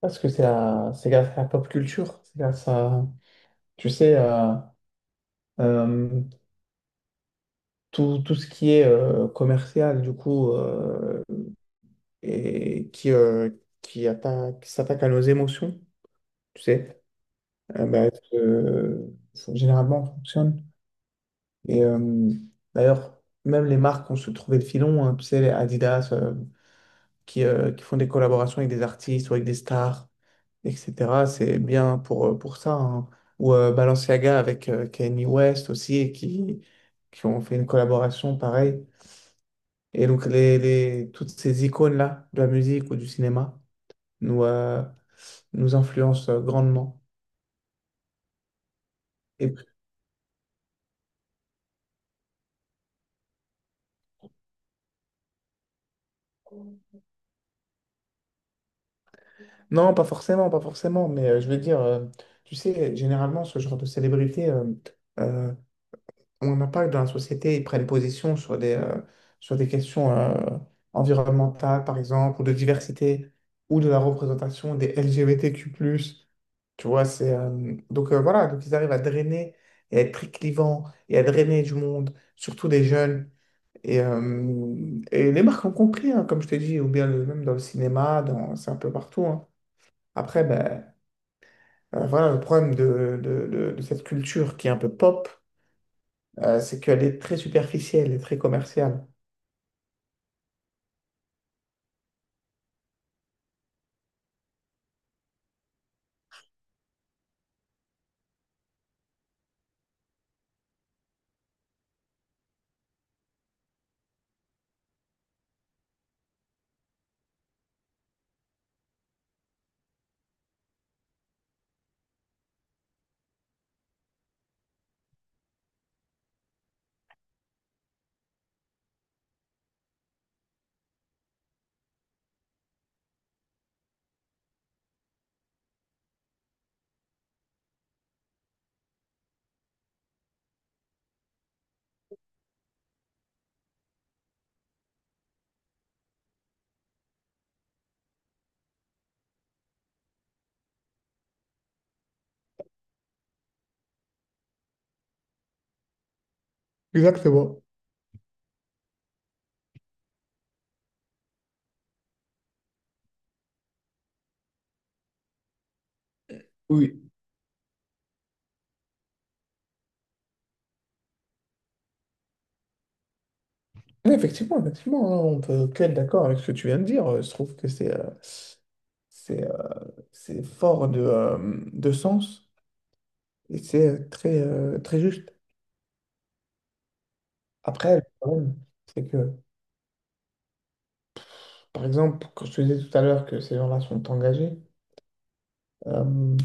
Parce que c'est grâce à la pop culture, c'est grâce à, tu sais, à, euh, tout ce qui est commercial, du coup, et qui attaque, qui s'attaque à nos émotions, tu sais, euh, bah, euh, généralement ça fonctionne. Et d'ailleurs, même les marques ont se trouvé le filon, hein, tu sais, les Adidas, qui font des collaborations avec des artistes ou avec des stars, etc. C'est bien pour ça, hein. Ou Balenciaga avec Kanye West aussi, et qui ont fait une collaboration pareille. Et donc, toutes ces icônes-là, de la musique ou du cinéma, nous, nous influencent grandement. Et non, pas forcément, pas forcément, mais je veux dire, tu sais, généralement, ce genre de célébrité euh, ont un impact dans la société, ils prennent position sur des questions environnementales, par exemple, ou de diversité, ou de la représentation des LGBTQ+. Tu vois, c'est, donc voilà, donc ils arrivent à drainer et à être très clivants et à drainer du monde, surtout des jeunes. Et les marques ont compris, hein, comme je t'ai dit, ou bien même dans le cinéma, dans, c'est un peu partout, hein. Après, ben, voilà le problème de, de cette culture qui est un peu pop, c'est qu'elle est très superficielle et très commerciale. Exactement. Oui. Mais effectivement, effectivement, hein, on peut que être d'accord avec ce que tu viens de dire. Je trouve que c'est euh, c'est fort de sens et c'est très, très juste. Après, le problème, c'est que, par exemple, quand je te disais tout à l'heure que ces gens-là sont engagés, euh,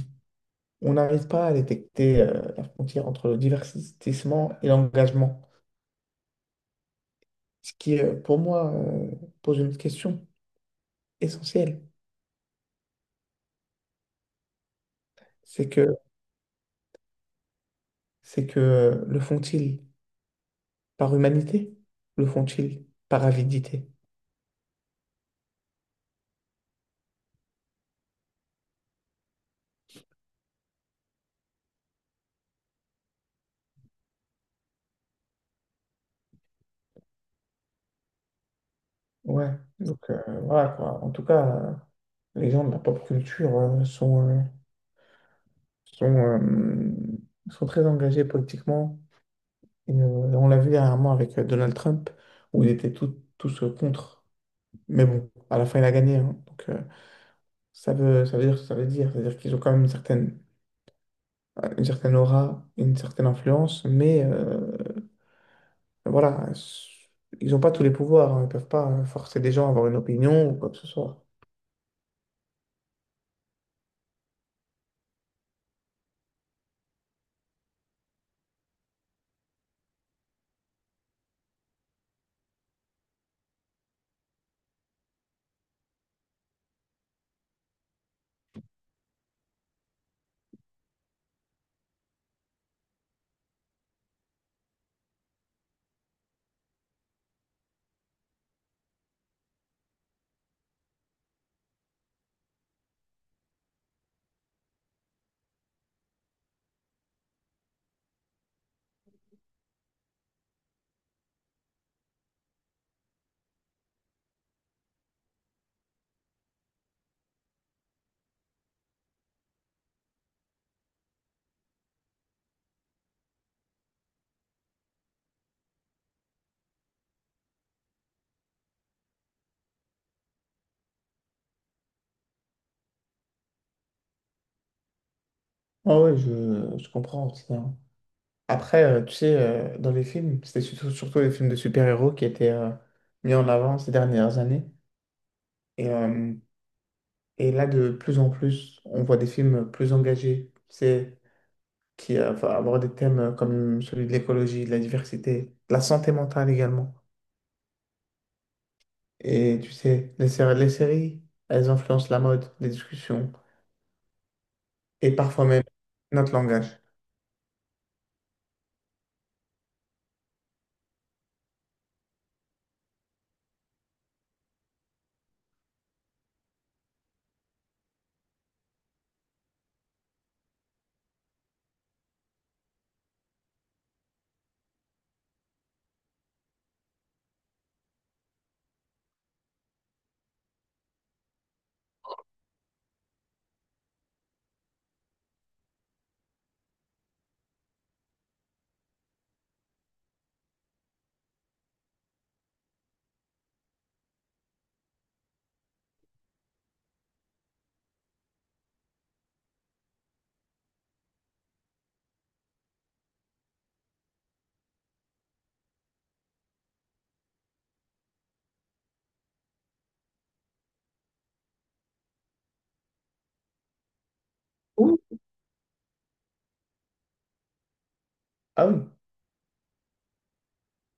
on n'arrive pas à détecter la frontière entre le divertissement et l'engagement. Ce qui, pour moi, pose une question essentielle. C'est que c'est que Le font-ils par humanité? Le font-ils par avidité? Ouais, donc voilà quoi. En tout cas, les gens de la pop culture sont, sont, euh, sont très engagés politiquement. Et, on l'a vu dernièrement avec Donald Trump, où ils étaient tous contre. Mais bon, à la fin, il a gagné, hein. Donc ça veut dire ce que ça veut dire. C'est-à-dire qu'ils ont quand même une certaine aura, une certaine influence, mais voilà, ils n'ont pas tous les pouvoirs, hein. Ils ne peuvent pas forcer des gens à avoir une opinion ou quoi que ce soit. Ah ouais, je comprends aussi, hein. Après, tu sais, dans les films, c'était surtout les films de super-héros qui étaient mis en avant ces dernières années. Et, euh, et là, de plus en plus, on voit des films plus engagés, tu sais, qui va avoir des thèmes comme celui de l'écologie, de la diversité, de la santé mentale également. Et tu sais, les, les séries, elles influencent la mode, les discussions, et parfois même notre langage. Ouh, ah oui,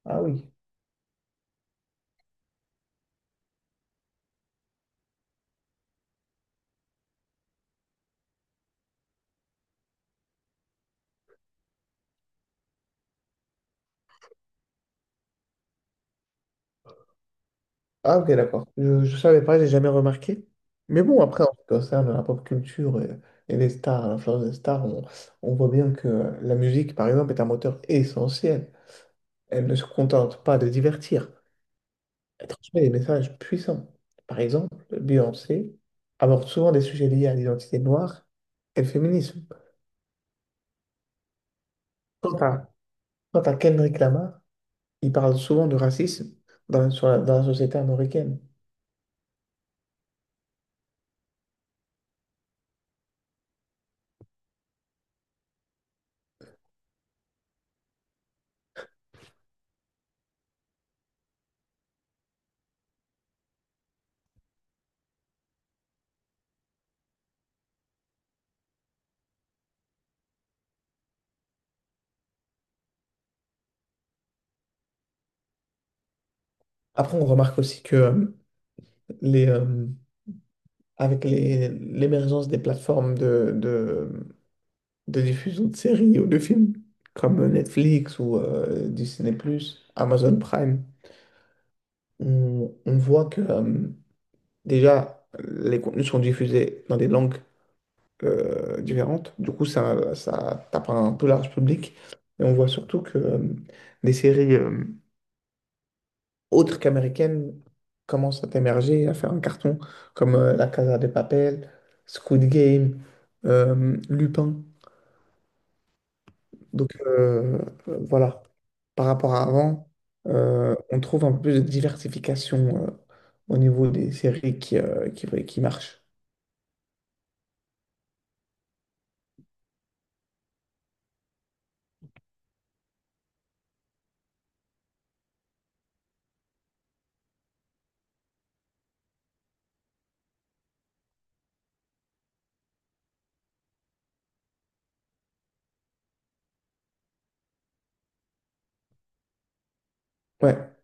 ah oui. Ah ok, d'accord. Je ne savais pas, j'ai jamais remarqué. Mais bon, après, en ce qui concerne la pop culture, et les stars, l'influence des stars, on voit bien que la musique, par exemple, est un moteur essentiel. Elle ne se contente pas de divertir. Elle transmet des messages puissants. Par exemple, Beyoncé aborde souvent des sujets liés à l'identité noire et le féminisme. Quant à, quant à Kendrick Lamar, il parle souvent de racisme dans, dans la société américaine. Après, on remarque aussi que les, avec l'émergence des plateformes de diffusion de séries ou de films, comme Netflix ou Disney+, Amazon Prime, on voit que déjà, les contenus sont diffusés dans des langues différentes. Du coup, ça tape un peu large public. Et on voit surtout que des séries autres qu'américaines commencent à émerger, à faire un carton, comme La Casa de Papel, Squid Game, Lupin. Donc voilà, par rapport à avant, on trouve un peu plus de diversification au niveau des séries qui, ouais, qui marchent. Ouais.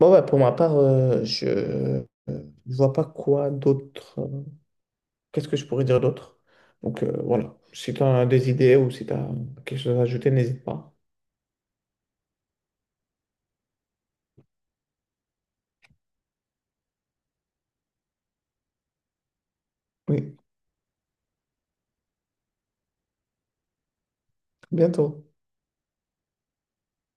Bon, ouais, pour ma part, je vois pas quoi d'autre. Qu'est-ce que je pourrais dire d'autre? Donc voilà, si tu as des idées ou si tu as quelque chose à ajouter, n'hésite pas. Oui. Bientôt.